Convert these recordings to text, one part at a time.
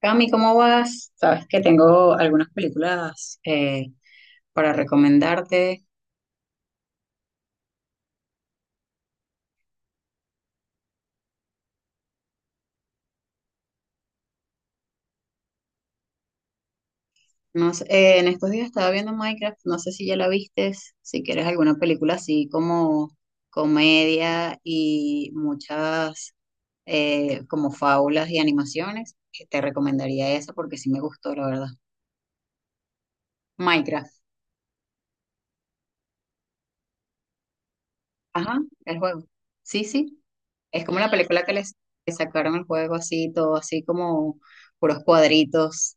Cami, ¿cómo vas? Sabes que tengo algunas películas para recomendarte. No sé, en estos días estaba viendo Minecraft, no sé si ya la vistes, si quieres alguna película así como comedia y muchas como fábulas y animaciones, que te recomendaría esa porque sí me gustó, la verdad. Minecraft, ajá, el juego. Sí, sí. Es como una película que sacaron el juego así, todo así como puros cuadritos,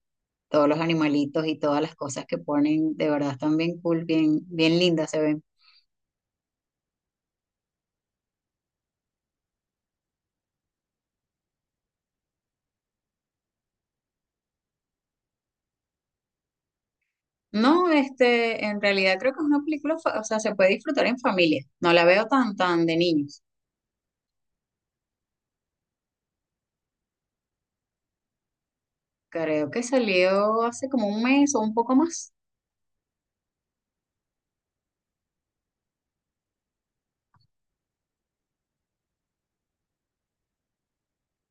todos los animalitos y todas las cosas que ponen, de verdad están bien cool, bien, bien lindas se ven. No, este, en realidad creo que es una película, o sea, se puede disfrutar en familia. No la veo tan, tan de niños. Creo que salió hace como un mes o un poco más.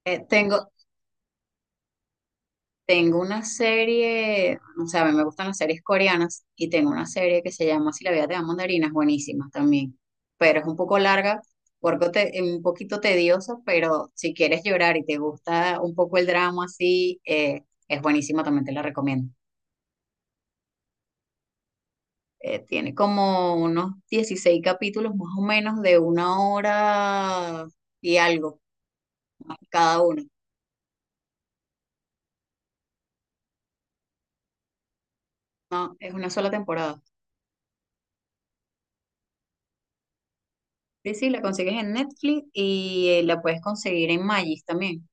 Eh, tengo, Tengo una serie, o sea, a mí me gustan las series coreanas y tengo una serie que se llama Si la vida te da mandarinas, buenísima también, pero es un poco larga, un poquito tediosa, pero si quieres llorar y te gusta un poco el drama así, es buenísima, también te la recomiendo. Tiene como unos 16 capítulos más o menos de una hora y algo cada uno, ¿no? Es una sola temporada. Sí, sí, la consigues en Netflix y la puedes conseguir en Magis también.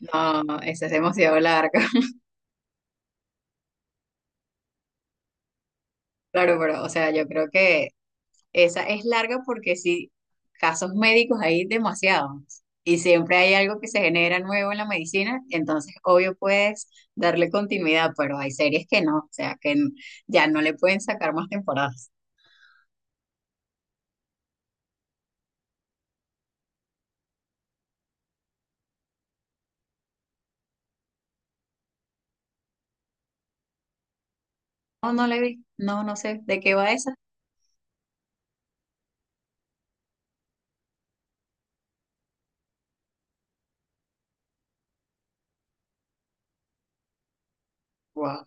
No, esa es demasiado larga. Claro, pero, o sea, yo creo que esa es larga porque sí, casos médicos hay demasiados. Y siempre hay algo que se genera nuevo en la medicina, entonces obvio puedes darle continuidad, pero hay series que no, o sea, ya no le pueden sacar más temporadas. No, no le vi, no, no sé, ¿de qué va esa? Wow.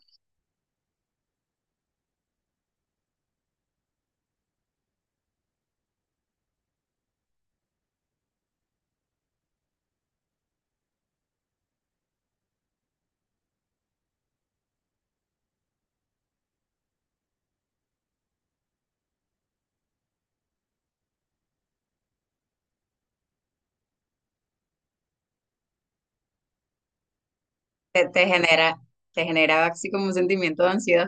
Te, te genera, te genera así como un sentimiento de ansiedad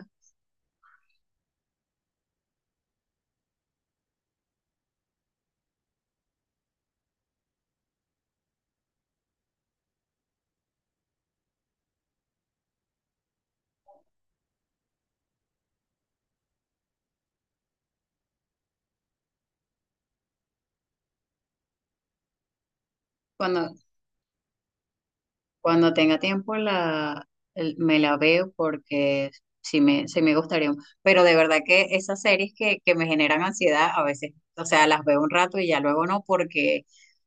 cuando. Cuando tenga tiempo me la veo porque sí me gustaría. Pero de verdad que esas series que me generan ansiedad a veces, o sea, las veo un rato y ya luego no porque,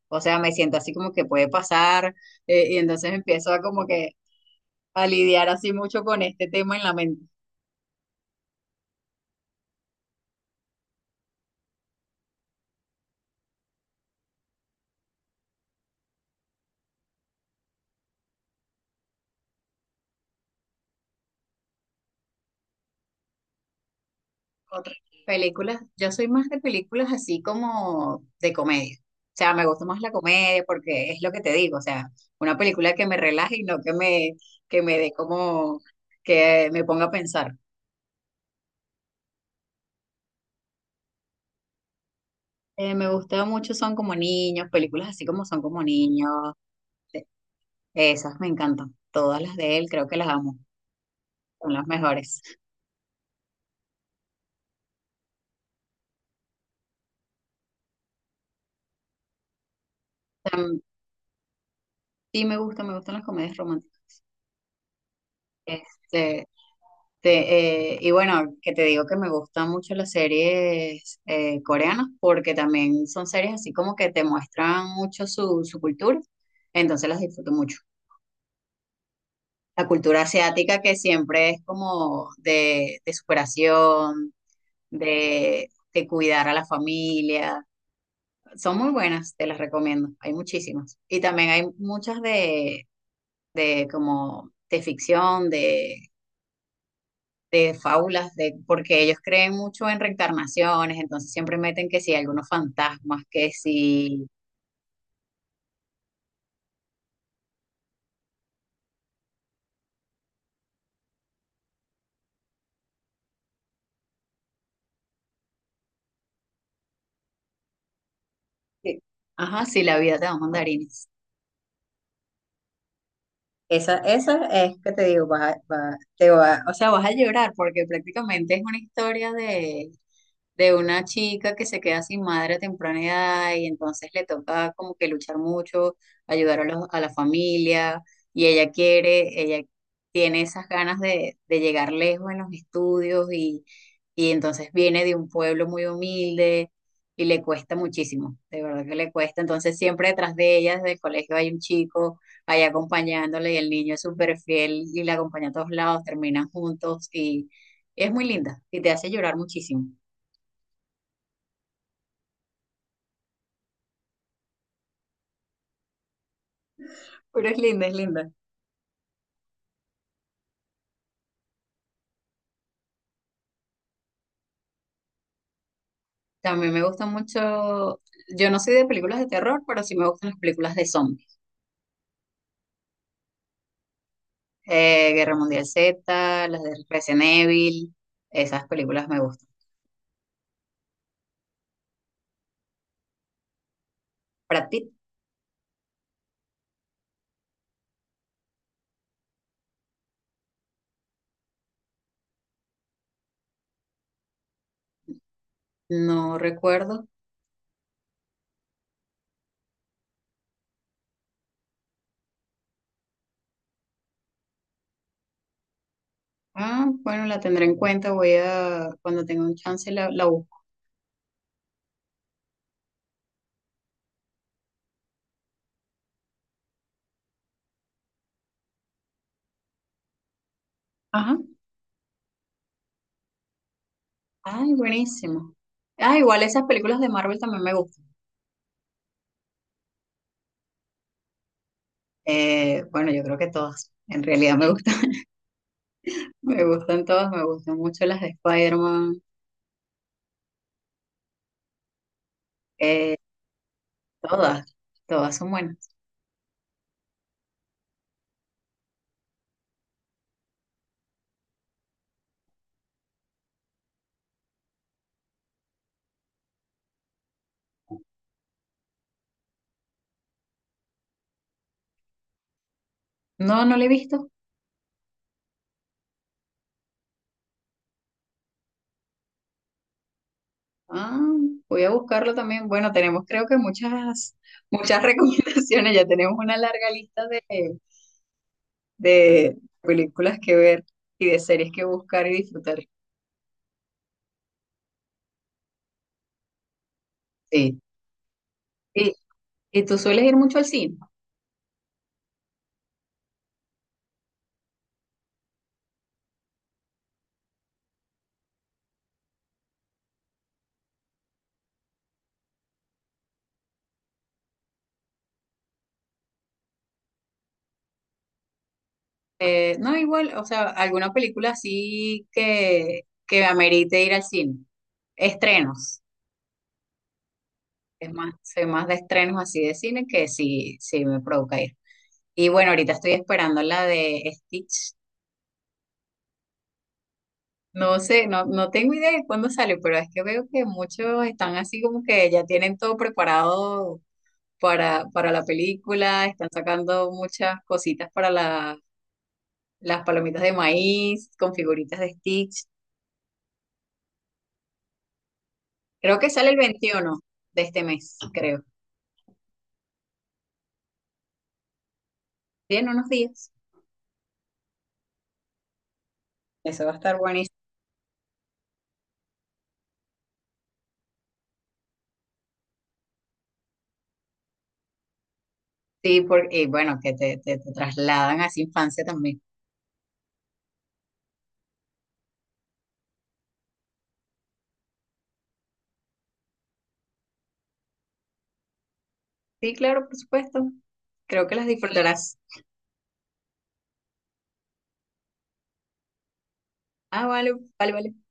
o sea, me siento así como que puede pasar y entonces empiezo a como que a lidiar así mucho con este tema en la mente. Corre- Películas, yo soy más de películas así como de comedia. O sea, me gusta más la comedia porque es lo que te digo, o sea, una película que me relaje y no que me, que me dé como, que me ponga a pensar. Me gusta mucho Son como niños, películas así como Son como niños, eh, esas me encantan. Todas las de él creo que las amo, son las mejores. Tam- sí me gusta, me gustan las comedias románticas. Este, y bueno, que te digo que me gustan mucho las series coreanas porque también son series así como que te muestran mucho su, su cultura, entonces las disfruto mucho. La cultura asiática que siempre es como de superación, de, de cuidar a la familia, son muy buenas, te las recomiendo, hay muchísimas. Y también hay muchas de como de ficción, de fábulas, de, porque ellos creen mucho en reencarnaciones, entonces siempre meten que si algunos fantasmas, que si, que- ajá, si la vida te da mandarines. Esa es que te digo, te va, o sea, vas a llorar porque prácticamente es una historia de una chica que se queda sin madre a temprana edad y entonces le toca como que luchar mucho, ayudar a, a la familia y ella quiere, ella tiene esas ganas de llegar lejos en los estudios y entonces viene de un pueblo muy humilde y le cuesta muchísimo, de verdad que le cuesta. Entonces siempre detrás de ella, desde el colegio, hay un chico ahí acompañándole y el niño es súper fiel y la acompaña a todos lados, terminan juntos y es muy linda y te hace llorar muchísimo, pero es linda, es linda. También me gusta mucho, yo no soy de películas de terror, pero sí me gustan las películas de zombies. Guerra Mundial Z, las de Resident Evil, esas películas me gustan. ¿Para ti? No recuerdo. Ah, bueno, la tendré en cuenta, voy a, cuando tenga un chance la, la busco. Ajá. Ay, buenísimo. Ah, igual esas películas de Marvel también me gustan. Bueno, yo creo que todas. En realidad me gustan, me gustan todas, me gustan mucho las de Spider-Man. Eh, todas, todas son buenas. No, no la he visto. Ah, voy a buscarlo también. Bueno, tenemos creo que muchas, muchas recomendaciones. Ya tenemos una larga lista de películas que ver y de series que buscar y disfrutar. Sí. ¿Y, ¿y tú sueles ir mucho al cine? No, igual, o sea, alguna película así que amerite ir al cine. Estrenos. Es más, soy más de estrenos así de cine que sí, sí me provoca ir. Y bueno, ahorita estoy esperando la de Stitch. No sé, no, no tengo idea de cuándo sale, pero es que veo que muchos están así como que ya tienen todo preparado para la película, están sacando muchas cositas para las palomitas de maíz, con figuritas de Stitch. Creo que sale el 21 de este mes, creo. Sí, en unos días. Eso va a estar buenísimo. Sí, porque, y bueno, que te, te trasladan a esa infancia también. Sí, claro, por supuesto. Creo que las disfrutarás. Ah, vale, vale, vale.